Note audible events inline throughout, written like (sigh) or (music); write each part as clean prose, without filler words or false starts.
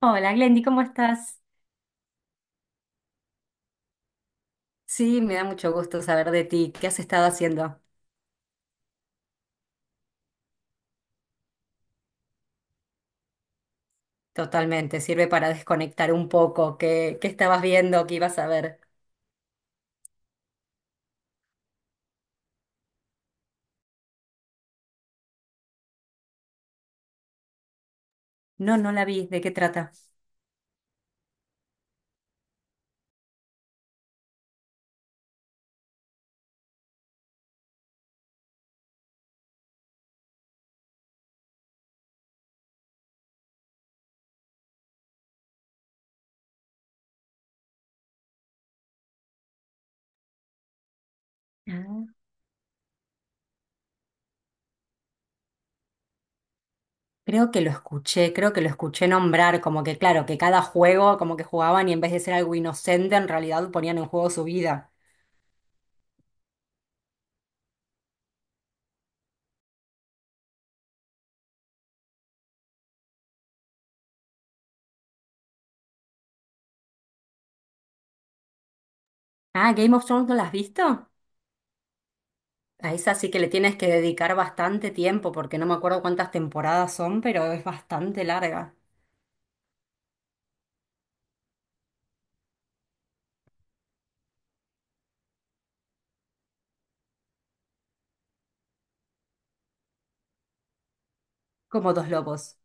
Hola Glendy, ¿cómo estás? Sí, me da mucho gusto saber de ti. ¿Qué has estado haciendo? Totalmente, sirve para desconectar un poco. ¿Qué estabas viendo? ¿Qué ibas a ver? No, no la vi. ¿De qué trata? Ah. Creo que lo escuché, creo que lo escuché nombrar, como que claro, que cada juego como que jugaban y en vez de ser algo inocente, en realidad ponían en juego su vida. Ah, Game of Thrones, ¿no la has visto? A esa sí que le tienes que dedicar bastante tiempo, porque no me acuerdo cuántas temporadas son, pero es bastante larga. Como dos lobos.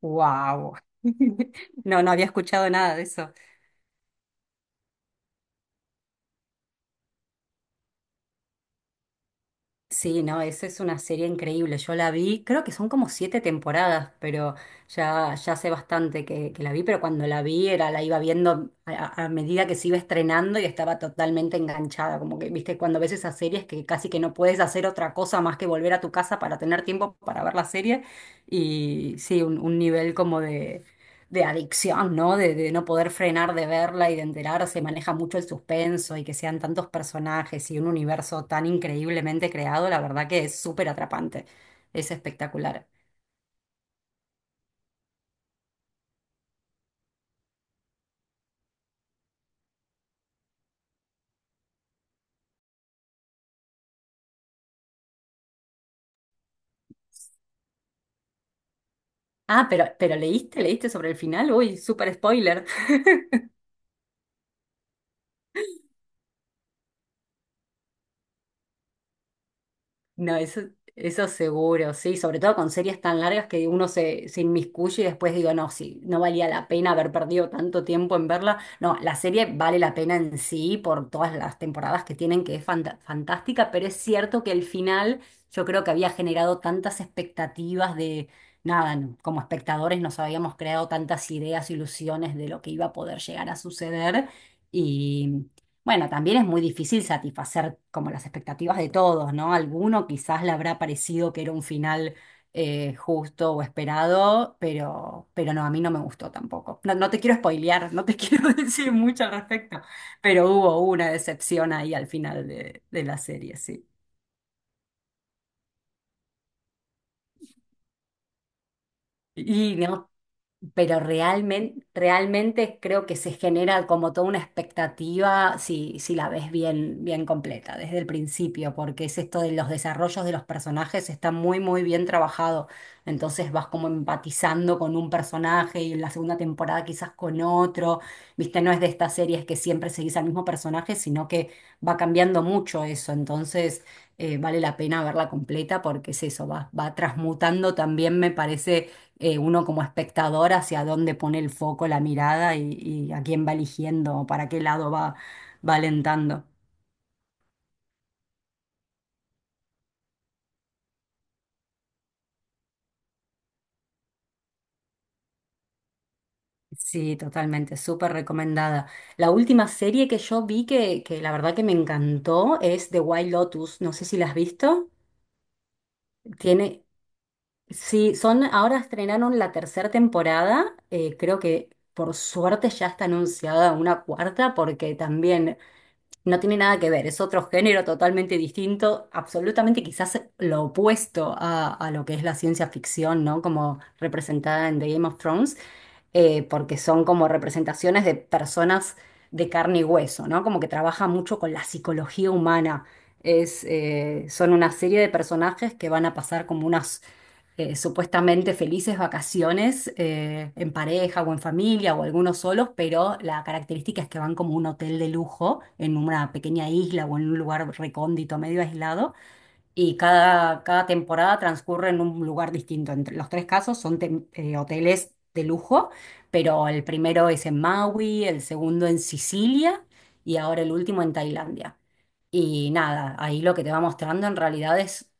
Wow. (laughs) No, no había escuchado nada de eso. Sí, no, esa es una serie increíble. Yo la vi, creo que son como siete temporadas, pero ya hace bastante que la vi, pero cuando la vi era, la iba viendo a, medida que se iba estrenando y estaba totalmente enganchada. Como que, viste, cuando ves esas series que casi que no puedes hacer otra cosa más que volver a tu casa para tener tiempo para ver la serie. Y sí, un nivel como de adicción, ¿no? De no poder frenar de verla y de enterarse, maneja mucho el suspenso y que sean tantos personajes y un universo tan increíblemente creado, la verdad que es súper atrapante, es espectacular. Ah, pero leíste, leíste sobre el final, uy, súper spoiler. (laughs) No, eso seguro, sí, sobre todo con series tan largas que uno se, se inmiscuye y después digo, no, sí, no valía la pena haber perdido tanto tiempo en verla. No, la serie vale la pena en sí por todas las temporadas que tienen, que es fantástica, pero es cierto que el final yo creo que había generado tantas expectativas de, nada, no, como espectadores nos habíamos creado tantas ideas, ilusiones de lo que iba a poder llegar a suceder. Bueno, también es muy difícil satisfacer como las expectativas de todos, ¿no? Alguno quizás le habrá parecido que era un final justo o esperado, pero no, a mí no me gustó tampoco. No, no te quiero spoilear, no te (laughs) quiero decir mucho al respecto, pero hubo una decepción ahí al final de la serie, sí. Y no, pero realmente, realmente creo que se genera como toda una expectativa si, si la ves bien, bien completa desde el principio, porque es esto de los desarrollos de los personajes, está muy, muy bien trabajado. Entonces vas como empatizando con un personaje y en la segunda temporada quizás con otro. Viste, no es de estas series que siempre seguís al mismo personaje, sino que va cambiando mucho eso. Entonces vale la pena verla completa porque es eso, va, va transmutando también, me parece uno como espectador hacia dónde pone el foco, la mirada, y a quién va eligiendo o para qué lado va, va alentando. Sí, totalmente, súper recomendada. La última serie que yo vi que la verdad que me encantó es The Wild Lotus. No sé si la has visto. Tiene, sí, son, ahora estrenaron la tercera temporada. Creo que por suerte ya está anunciada una cuarta porque también no tiene nada que ver, es otro género totalmente distinto, absolutamente quizás lo opuesto a lo que es la ciencia ficción, ¿no? Como representada en The Game of Thrones, porque son como representaciones de personas de carne y hueso, ¿no? Como que trabaja mucho con la psicología humana. Es, son una serie de personajes que van a pasar como unas supuestamente felices vacaciones en pareja o en familia o algunos solos, pero la característica es que van como a un hotel de lujo en una pequeña isla o en un lugar recóndito, medio aislado, y cada, cada temporada transcurre en un lugar distinto. Entre los tres casos son hoteles de lujo, pero el primero es en Maui, el segundo en Sicilia y ahora el último en Tailandia. Y nada, ahí lo que te va mostrando en realidad es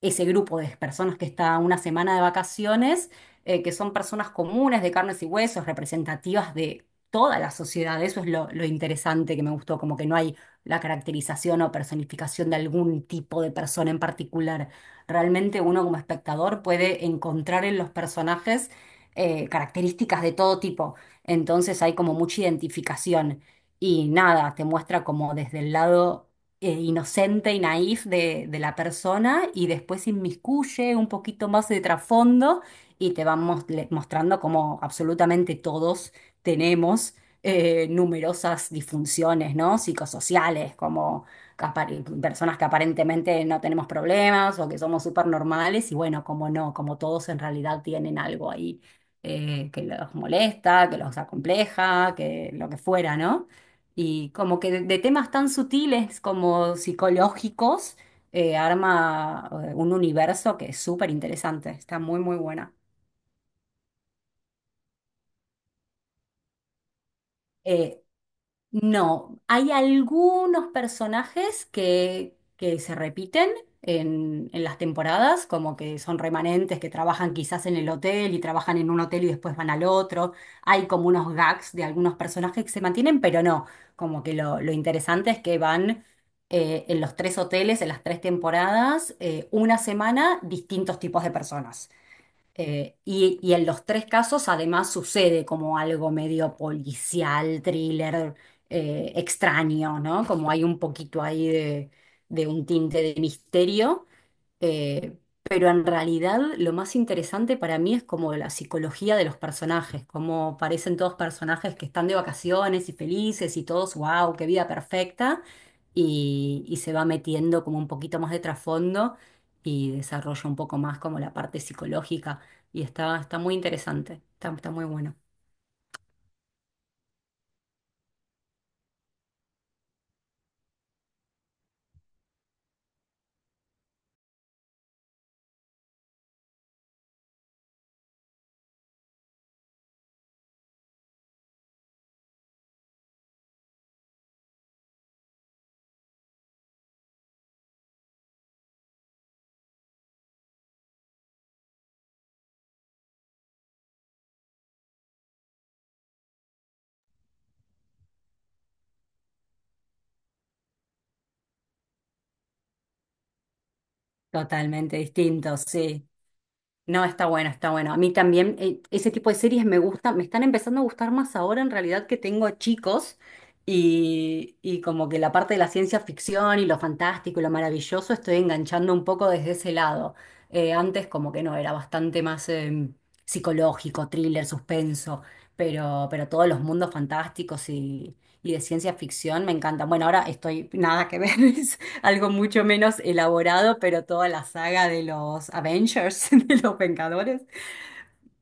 ese grupo de personas que está una semana de vacaciones, que son personas comunes de carnes y huesos, representativas de toda la sociedad. Eso es lo interesante que me gustó, como que no hay la caracterización o personificación de algún tipo de persona en particular. Realmente uno como espectador puede encontrar en los personajes características de todo tipo. Entonces hay como mucha identificación y nada, te muestra como desde el lado inocente y naif de la persona y después inmiscuye un poquito más de trasfondo y te van mostrando como absolutamente todos tenemos numerosas disfunciones, ¿no? Psicosociales, como que personas que aparentemente no tenemos problemas o que somos súper normales y bueno, como no, como todos en realidad tienen algo ahí que los molesta, que los acompleja, que lo que fuera, ¿no? Y como que de temas tan sutiles como psicológicos, arma un universo que es súper interesante, está muy, muy buena. Eh, No, hay algunos personajes que se repiten en las temporadas, como que son remanentes, que trabajan quizás en el hotel y trabajan en un hotel y después van al otro. Hay como unos gags de algunos personajes que se mantienen, pero no, como que lo interesante es que van en los tres hoteles, en las tres temporadas, una semana, distintos tipos de personas. Y, y en los tres casos además sucede como algo medio policial, thriller, extraño, ¿no? Como hay un poquito ahí de un tinte de misterio. Eh, pero en realidad lo más interesante para mí es como la psicología de los personajes, como parecen todos personajes que están de vacaciones y felices y todos, wow, qué vida perfecta, y se va metiendo como un poquito más de trasfondo y desarrolla un poco más como la parte psicológica y está, está muy interesante, está, está muy bueno. Totalmente distinto, sí. No, está bueno, está bueno. A mí también ese tipo de series me gustan, me están empezando a gustar más ahora en realidad que tengo chicos y como que la parte de la ciencia ficción y lo fantástico y lo maravilloso estoy enganchando un poco desde ese lado. Antes como que no, era bastante más psicológico, thriller, suspenso, pero todos los mundos fantásticos y de ciencia ficción me encantan. Bueno, ahora estoy nada que ver, (laughs) algo mucho menos elaborado, pero toda la saga de los Avengers, (laughs) de los Vengadores,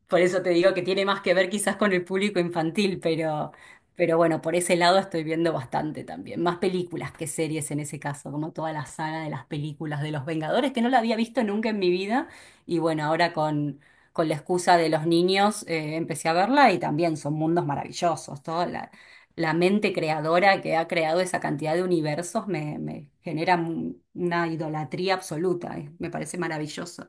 por eso te digo que tiene más que ver quizás con el público infantil, pero bueno, por ese lado estoy viendo bastante también. Más películas que series en ese caso, como toda la saga de las películas de los Vengadores, que no la había visto nunca en mi vida. Y bueno, ahora con la excusa de los niños empecé a verla y también son mundos maravillosos. Toda la, la mente creadora que ha creado esa cantidad de universos me, me genera una idolatría absoluta, me parece maravilloso.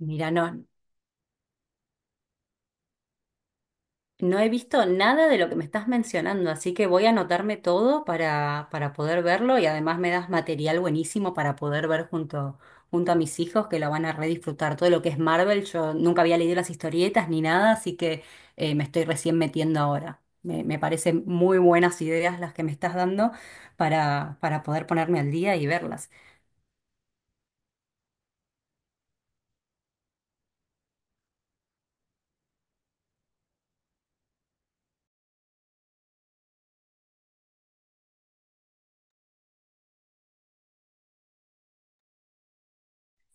Mira, no, no he visto nada de lo que me estás mencionando, así que voy a anotarme todo para poder verlo, y además me das material buenísimo para poder ver junto, junto a mis hijos que lo van a redisfrutar. Todo lo que es Marvel, yo nunca había leído las historietas ni nada, así que me estoy recién metiendo ahora. Me parecen muy buenas ideas las que me estás dando para poder ponerme al día y verlas.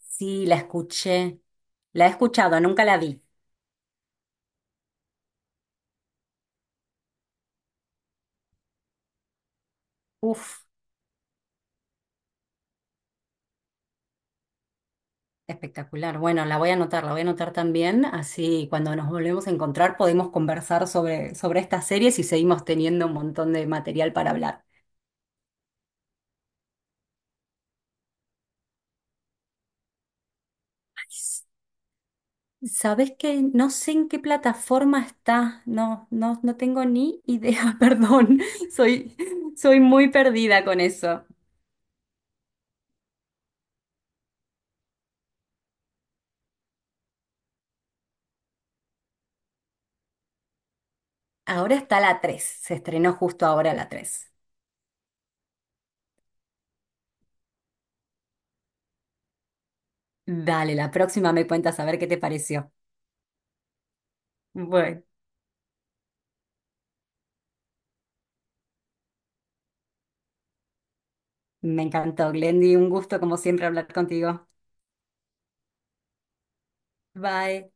Sí, la escuché, la he escuchado, nunca la vi. Uf. Espectacular. Bueno, la voy a anotar, la voy a anotar también, así cuando nos volvemos a encontrar podemos conversar sobre, sobre estas series y seguimos teniendo un montón de material para hablar. ¿Sabes qué? No sé en qué plataforma está, no, no, no tengo ni idea, (laughs) perdón, soy, soy muy perdida con eso. Ahora está la 3. Se estrenó justo ahora la 3. Dale, la próxima me cuentas a ver qué te pareció. Bueno, me encantó, Glendy, un gusto como siempre hablar contigo. Bye.